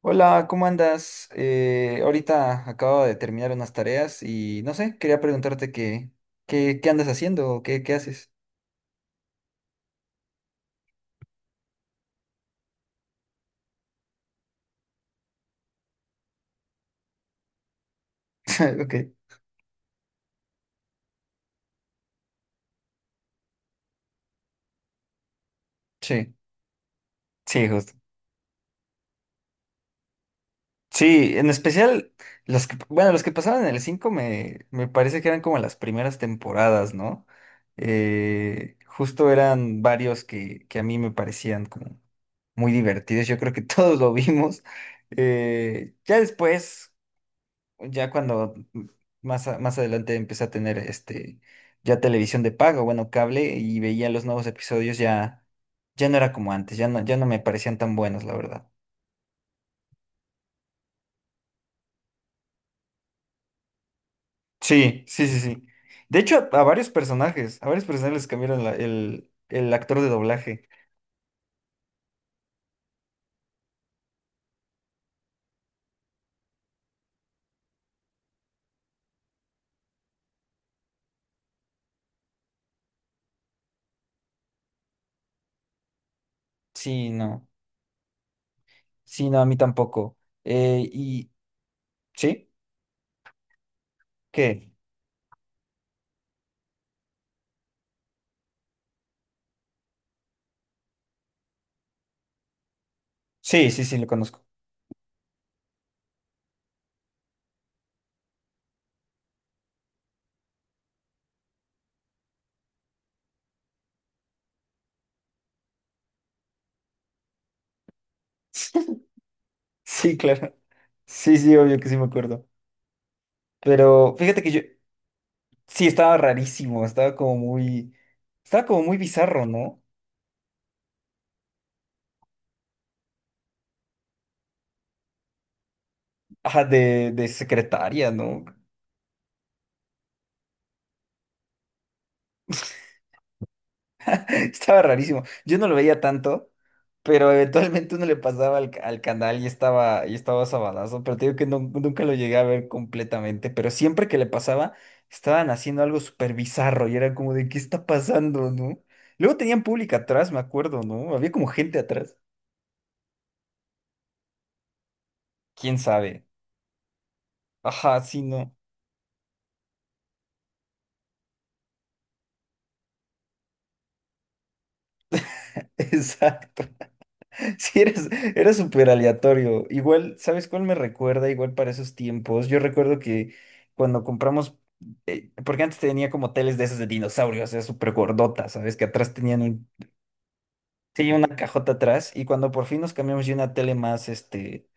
Hola, ¿cómo andas? Ahorita acabo de terminar unas tareas y no sé, quería preguntarte qué andas haciendo o qué haces. Ok. Sí, sí, justo. Sí, en especial los que, bueno, los que pasaban en el 5 me parece que eran como las primeras temporadas, ¿no? Justo eran varios que a mí me parecían como muy divertidos. Yo creo que todos lo vimos. Ya después. Ya cuando más adelante empecé a tener ya televisión de pago, bueno, cable y veía los nuevos episodios ya ya no era como antes, ya no me parecían tan buenos, la verdad. Sí, sí, sí, sí. De hecho, a varios personajes les cambiaron el actor de doblaje. Sí, no. Sí, no, a mí tampoco. Y ¿sí? ¿Qué? Sí, sí, sí, lo conozco. Sí, claro. Sí, sí, obvio que sí me acuerdo. Pero fíjate que yo. Sí, estaba rarísimo, estaba como muy bizarro, ¿no? Ajá, de secretaria, ¿no? Estaba rarísimo. Yo no lo veía tanto, pero eventualmente uno le pasaba al canal y estaba sabadazo, pero te digo que nunca lo llegué a ver completamente, pero siempre que le pasaba, estaban haciendo algo súper bizarro y era como de, ¿qué está pasando, no? Luego tenían público atrás, me acuerdo, ¿no? Había como gente atrás. ¿Quién sabe? Ajá, sí, no. Exacto. Sí, eres, era súper aleatorio. Igual, ¿sabes cuál me recuerda? Igual para esos tiempos. Yo recuerdo que cuando compramos, porque antes tenía como teles de esas de dinosaurios, o sea, súper gordotas, ¿sabes? Que atrás tenían un, sí, una cajota atrás. Y cuando por fin nos cambiamos ya una tele más,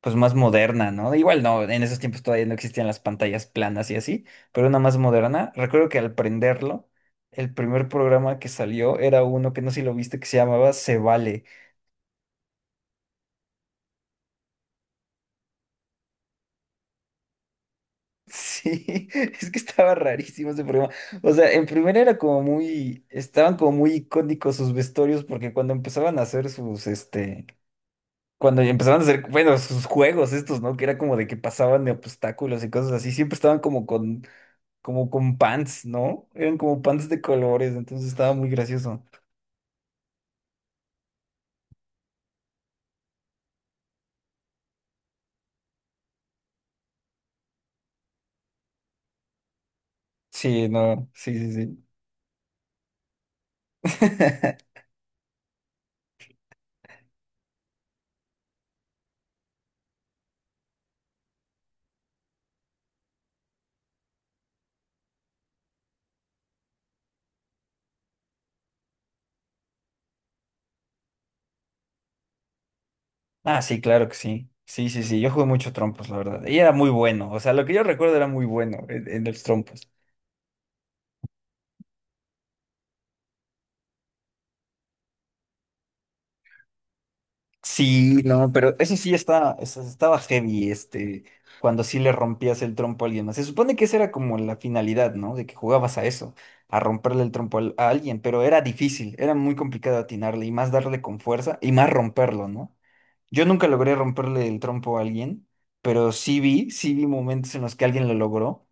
pues más moderna, ¿no? Igual no, en esos tiempos todavía no existían las pantallas planas y así, pero una más moderna. Recuerdo que al prenderlo, el primer programa que salió era uno que no sé si lo viste, que se llamaba Se Vale. Sí, es que estaba rarísimo ese programa. O sea, en primera estaban como muy icónicos sus vestuarios porque cuando empezaban a hacer bueno, sus juegos estos, ¿no? Que era como de que pasaban de obstáculos y cosas así, siempre estaban como con pants, ¿no? Eran como pants de colores, entonces estaba muy gracioso. Sí, no, sí, sí, sí. Ah, sí, claro que sí. Sí, sí, sí, yo jugué mucho trompos, la verdad. Y era muy bueno, o sea, lo que yo recuerdo era muy bueno en los trompos. Sí, no, pero eso sí está, eso estaba heavy, cuando sí le rompías el trompo a alguien más. Se supone que esa era como la finalidad, ¿no? De que jugabas a eso, a romperle el trompo a alguien, pero era difícil, era muy complicado atinarle y más darle con fuerza y más romperlo, ¿no? Yo nunca logré romperle el trompo a alguien, pero sí vi momentos en los que alguien lo logró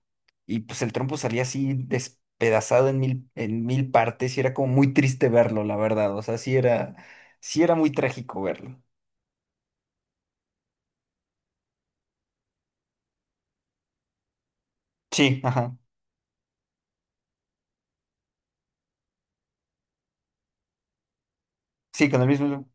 y pues el trompo salía así despedazado en mil partes y era como muy triste verlo, la verdad, sí era muy trágico verlo. Sí, ajá. Sí, con el mismo.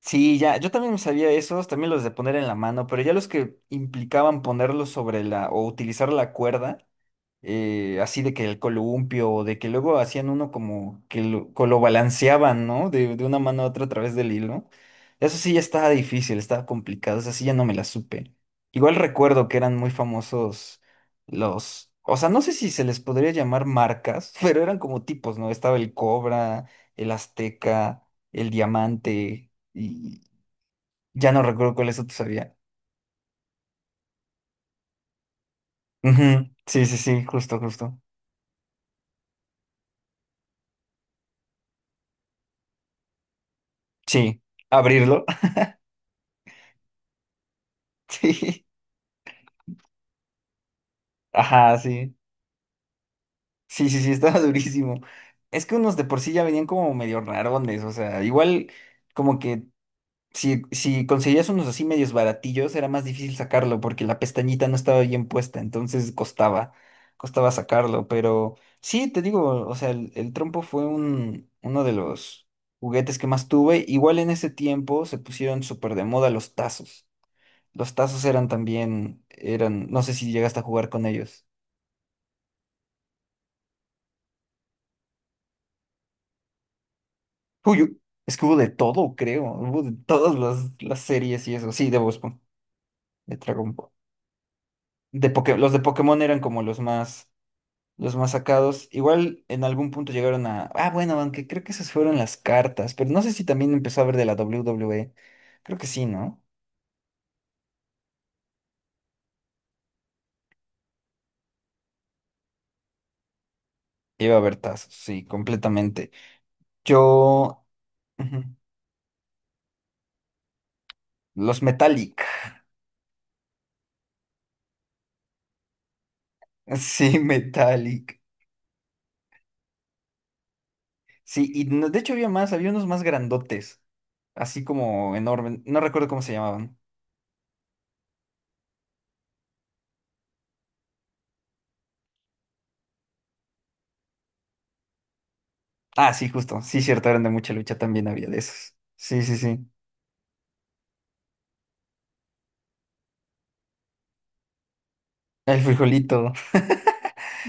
Sí, ya, yo también sabía esos, también los de poner en la mano, pero ya los que implicaban ponerlos sobre la o utilizar la cuerda, así de que el columpio, o de que luego hacían uno como que lo balanceaban, ¿no? De una mano a otra a través del hilo. Eso sí ya estaba difícil, estaba complicado, eso sí ya no me la supe. Igual recuerdo que eran muy famosos los, o sea, no sé si se les podría llamar marcas, pero eran como tipos, ¿no? Estaba el Cobra, el Azteca, el Diamante, y ya no recuerdo cuál eso tú sabía. Ujú, sí, sí, sí, justo, justo. Sí, abrirlo. Sí. Ajá, sí. Sí, sí, sí, estaba durísimo. Es que unos de por sí ya venían como medio rarones, o sea, igual como que si conseguías unos así medios baratillos era más difícil sacarlo porque la pestañita no estaba bien puesta, entonces costaba sacarlo, pero sí, te digo, o sea, el trompo fue un, uno de los juguetes que más tuve. Igual en ese tiempo se pusieron súper de moda los tazos. Los tazos eran, no sé si llegaste a jugar con ellos. Uy, es que hubo de todo, creo. Hubo de todas las series y eso. Sí, de Bob Esponja, de Dragon Ball. De los de Pokémon eran como los más sacados. Igual en algún punto llegaron a. Ah, bueno, aunque creo que esas fueron las cartas. Pero no sé si también empezó a haber de la WWE. Creo que sí, ¿no? Iba a haber tazos, sí, completamente. Yo. Ujú, los Metallic. Sí, Metallic. Sí, y de hecho había más, había unos más grandotes. Así como enormes. No recuerdo cómo se llamaban. Ah, sí, justo. Sí, cierto, eran de Mucha Lucha, también había de esos. Sí, sí, sí. El frijolito.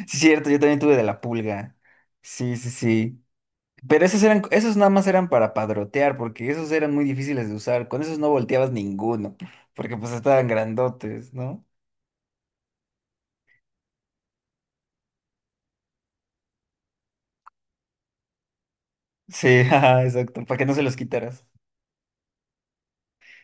Sí, cierto, yo también tuve de la pulga. Sí, sí, sí. Pero esos eran, esos nada más eran para padrotear, porque esos eran muy difíciles de usar. Con esos no volteabas ninguno, porque pues estaban grandotes, ¿no? Sí, ajá, exacto, para que no se los quitaras.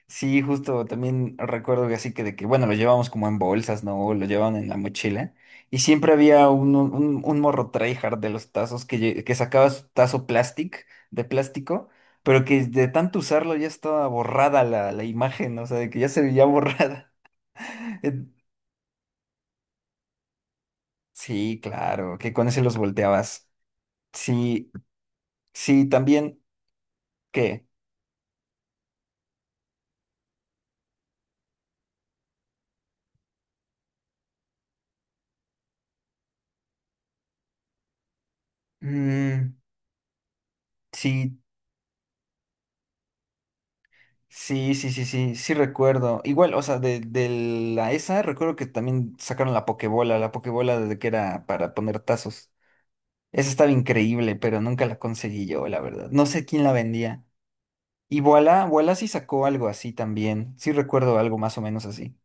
Sí, justo también recuerdo que así bueno, lo llevamos como en bolsas, ¿no? O lo llevaban en la mochila. Y siempre había un morro tryhard de los tazos que sacaba su tazo de plástico, pero que de tanto usarlo ya estaba borrada la imagen, o sea, de que ya se veía borrada. Eh, sí, claro, que con ese los volteabas. Sí, sí, también, ¿qué? Mm, sí, sí, sí, sí, sí, sí recuerdo. Igual, de la esa recuerdo que también sacaron la pokebola de que era para poner tazos. Esa estaba increíble, pero nunca la conseguí yo, la verdad. No sé quién la vendía. Y Boala sí sacó algo así también. Sí recuerdo algo más o menos así.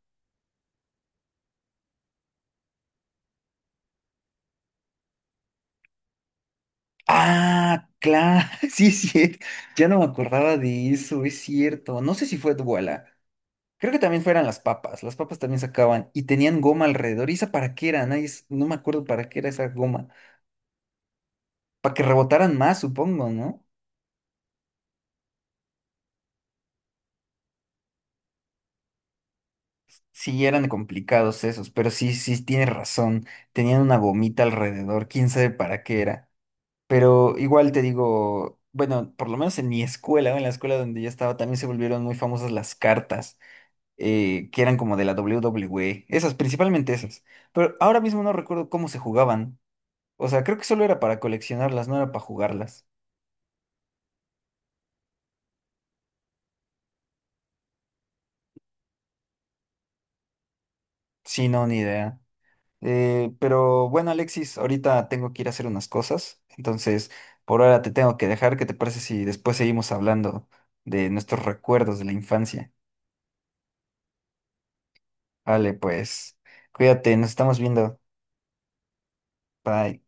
Ah, claro, sí, sí. Ya no me acordaba de eso, es cierto. No sé si fue Boala. Creo que también fueran las papas. Las papas también sacaban y tenían goma alrededor. ¿Y esa para qué era? Nadie, s- no me acuerdo para qué era esa goma. Para que rebotaran más, supongo, ¿no? Sí, eran complicados esos, pero sí, sí, tienes razón. Tenían una gomita alrededor, quién sabe para qué era. Pero igual te digo, bueno, por lo menos en mi escuela, o en la escuela donde yo estaba, también se volvieron muy famosas las cartas, que eran como de la WWE, esas, principalmente esas. Pero ahora mismo no recuerdo cómo se jugaban. O sea, creo que solo era para coleccionarlas, no era para jugarlas. Sí, no, ni idea. Pero bueno, Alexis, ahorita tengo que ir a hacer unas cosas, entonces por ahora te tengo que dejar. ¿Qué te parece si después seguimos hablando de nuestros recuerdos de la infancia? Vale, pues cuídate, nos estamos viendo. Bye.